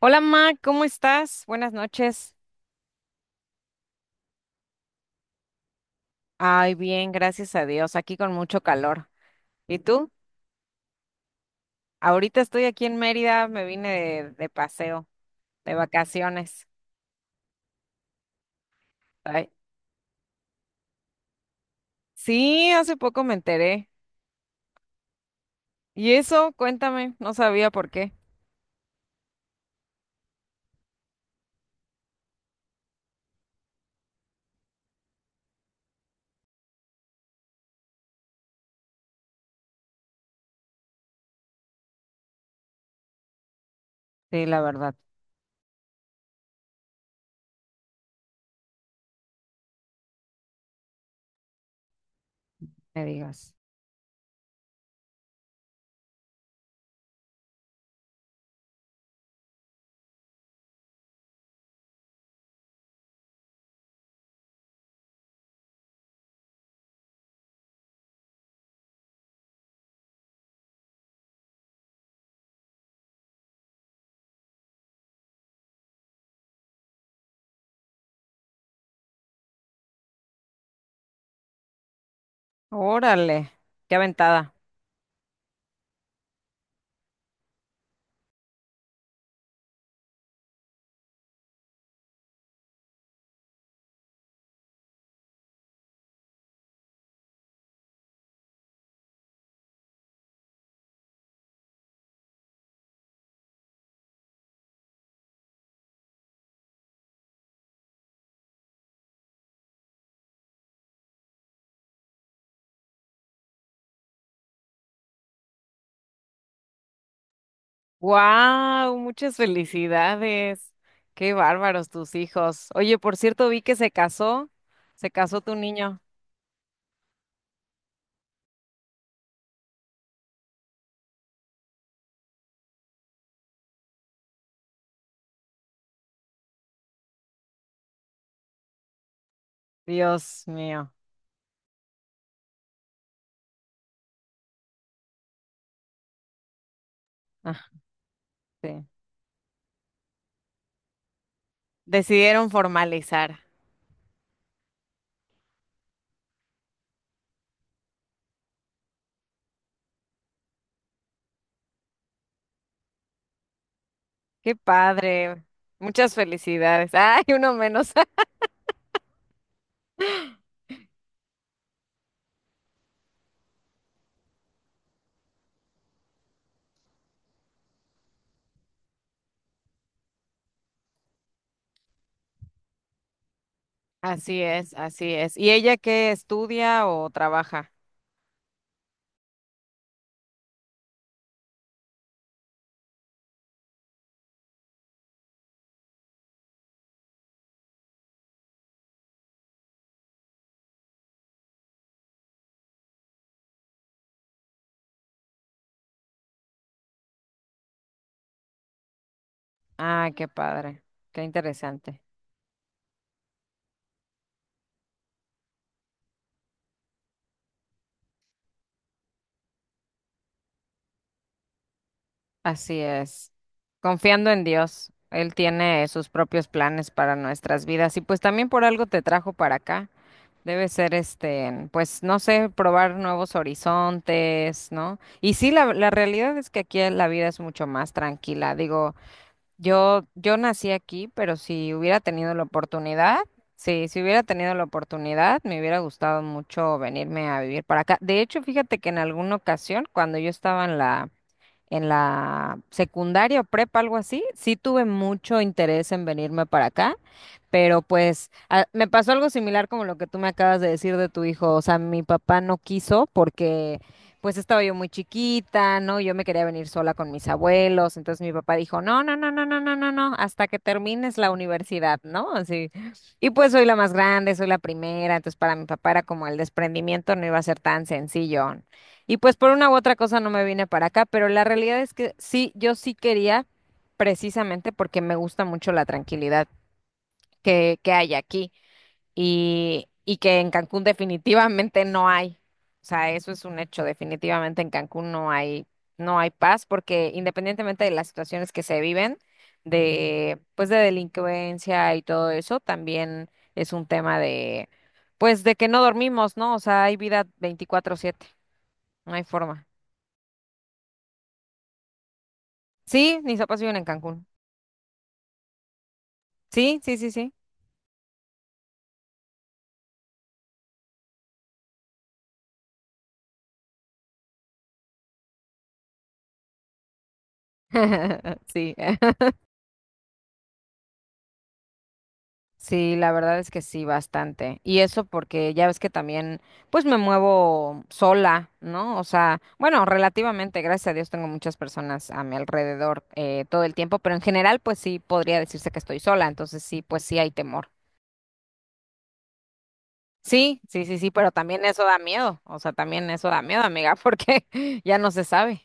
Hola, Ma, ¿cómo estás? Buenas noches. Ay, bien, gracias a Dios, aquí con mucho calor. ¿Y tú? Ahorita estoy aquí en Mérida, me vine de paseo, de vacaciones. Ay, sí, hace poco me enteré. ¿Y eso? Cuéntame, no sabía por qué. Sí, la verdad, me digas. Órale, qué aventada. ¡Wow! Muchas felicidades. Qué bárbaros tus hijos. Oye, por cierto, vi que se casó tu niño. Dios mío. Sí. Decidieron formalizar. Qué padre. Muchas felicidades. Ay, uno menos. Así es, así es. ¿Y ella qué estudia o trabaja? Ah, qué padre. Qué interesante. Así es. Confiando en Dios. Él tiene sus propios planes para nuestras vidas y pues también por algo te trajo para acá. Debe ser este, pues no sé, probar nuevos horizontes, ¿no? Y sí, la realidad es que aquí la vida es mucho más tranquila. Digo, Yo nací aquí, pero si hubiera tenido la oportunidad, sí, si hubiera tenido la oportunidad, me hubiera gustado mucho venirme a vivir para acá. De hecho, fíjate que en alguna ocasión, cuando yo estaba en la secundaria o prepa, algo así, sí tuve mucho interés en venirme para acá. Pero pues me pasó algo similar como lo que tú me acabas de decir de tu hijo. O sea, mi papá no quiso porque pues estaba yo muy chiquita, ¿no? Yo me quería venir sola con mis abuelos. Entonces mi papá dijo, no, no, no, no, no, no, no, no, hasta que termines la universidad, ¿no? Así. Y pues soy la más grande, soy la primera. Entonces para mi papá era como el desprendimiento no iba a ser tan sencillo. Y pues por una u otra cosa no me vine para acá, pero la realidad es que sí, yo sí quería precisamente porque me gusta mucho la tranquilidad que hay aquí y que en Cancún definitivamente no hay. O sea, eso es un hecho, definitivamente en Cancún no hay, no hay paz porque independientemente de las situaciones que se viven, de, pues de delincuencia y todo eso, también es un tema de, pues de que no dormimos, ¿no? O sea, hay vida 24/7, no hay forma. Sí, mis papás viven en Cancún. Sí, sí, sí, sí. Sí. Sí, la verdad es que sí, bastante. Y eso porque ya ves que también, pues me muevo sola, ¿no? O sea, bueno, relativamente, gracias a Dios, tengo muchas personas a mi alrededor todo el tiempo, pero en general, pues sí, podría decirse que estoy sola, entonces sí, pues sí hay temor. Sí, sí, sí, sí, pero también eso da miedo, o sea, también eso da miedo, amiga, porque ya no se sabe.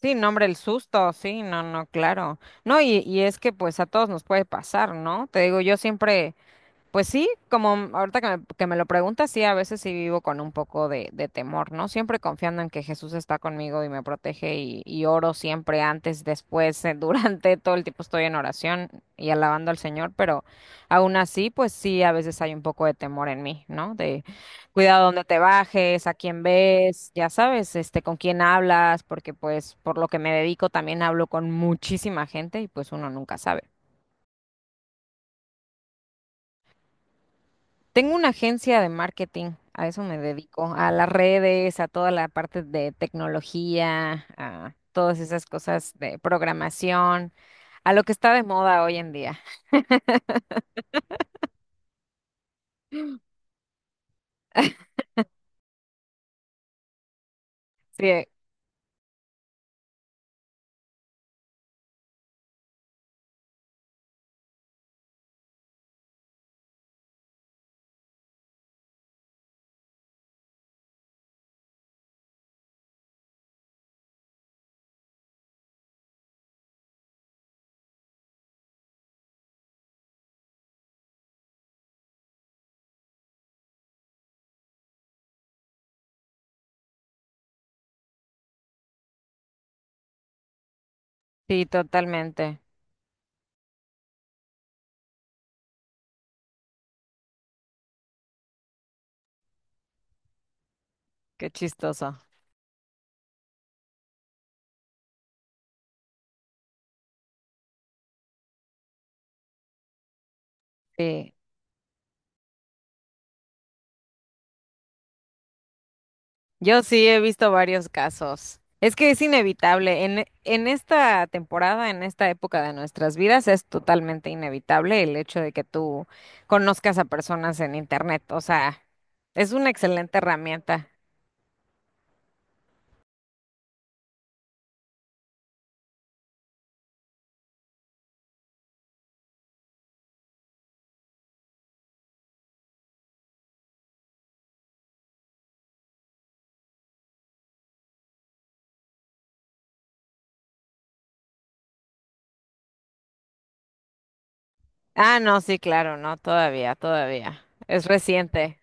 Sí, no, hombre, el susto, sí, no, no, claro. No, y es que pues a todos nos puede pasar, ¿no? Te digo, yo siempre... Pues sí, como ahorita que me lo preguntas, sí, a veces sí vivo con un poco de temor, ¿no? Siempre confiando en que Jesús está conmigo y me protege y oro siempre antes, después, durante todo el tiempo estoy en oración y alabando al Señor, pero aún así, pues sí, a veces hay un poco de temor en mí, ¿no? De cuidado donde te bajes, a quién ves, ya sabes, este, con quién hablas, porque pues por lo que me dedico también hablo con muchísima gente y pues uno nunca sabe. Tengo una agencia de marketing, a eso me dedico, a las redes, a toda la parte de tecnología, a todas esas cosas de programación, a lo que está de moda hoy en día. Sí, sí, totalmente. Qué chistoso. Sí, yo sí he visto varios casos. Es que es inevitable. En esta temporada, en esta época de nuestras vidas, es totalmente inevitable el hecho de que tú conozcas a personas en internet. O sea, es una excelente herramienta. Ah, no, sí, claro, no, todavía, todavía. Es reciente.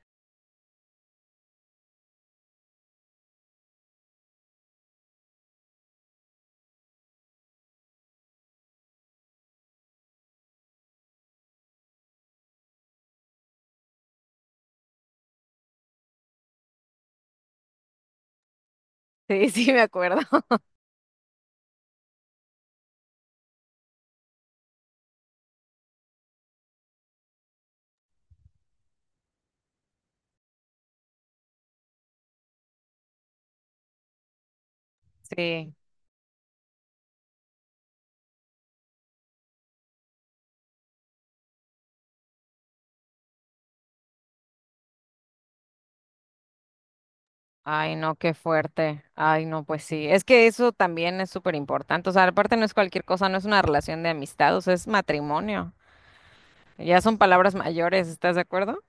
Sí, sí, me acuerdo. Sí. Ay, no, qué fuerte. Ay, no, pues sí. Es que eso también es súper importante. O sea, aparte no es cualquier cosa, no es una relación de amistad, o sea, es matrimonio. Ya son palabras mayores, ¿estás de acuerdo?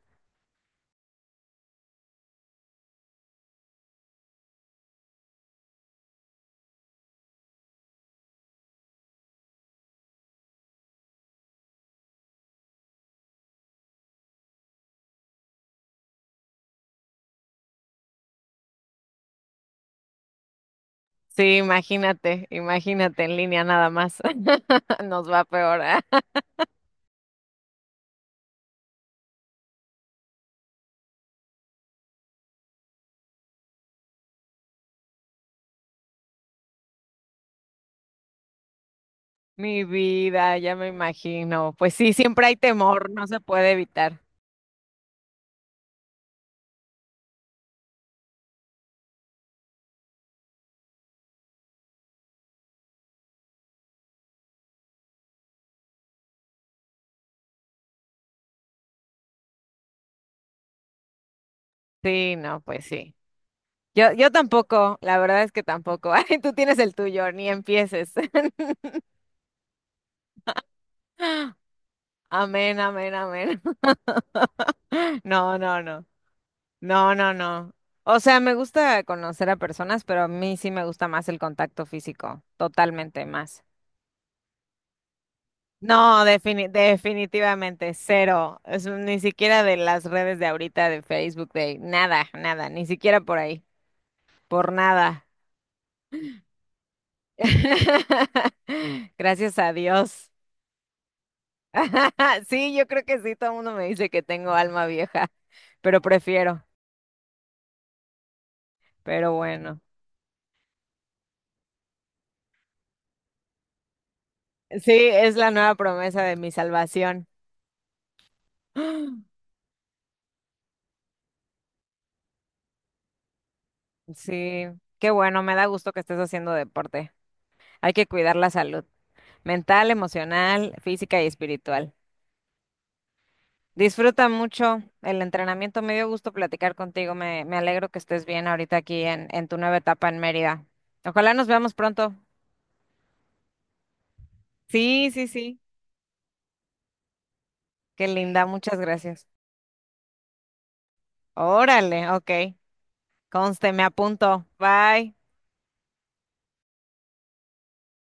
Sí, imagínate, imagínate en línea nada más. Nos va peor. ah. Mi vida, ya me imagino. Pues sí, siempre hay temor, no se puede evitar. Sí, no, pues sí. Yo tampoco, la verdad es que tampoco. Ay, tú tienes el tuyo, ni empieces. Amén, amén, amén. No, no, no. No, no, no. O sea, me gusta conocer a personas, pero a mí sí me gusta más el contacto físico, totalmente más. No, definitivamente cero. Es ni siquiera de las redes de ahorita, de Facebook, de nada, nada, ni siquiera por ahí, por nada. Gracias a Dios. Sí, yo creo que sí, todo el mundo me dice que tengo alma vieja, pero prefiero, pero bueno. Sí, es la nueva promesa de mi salvación. Sí, qué bueno, me da gusto que estés haciendo deporte. Hay que cuidar la salud mental, emocional, física y espiritual. Disfruta mucho el entrenamiento, me dio gusto platicar contigo, me alegro que estés bien ahorita aquí en tu nueva etapa en Mérida. Ojalá nos veamos pronto. Sí, sí, sí, qué linda, muchas gracias. Órale, ok. Conste, me apunto. Bye.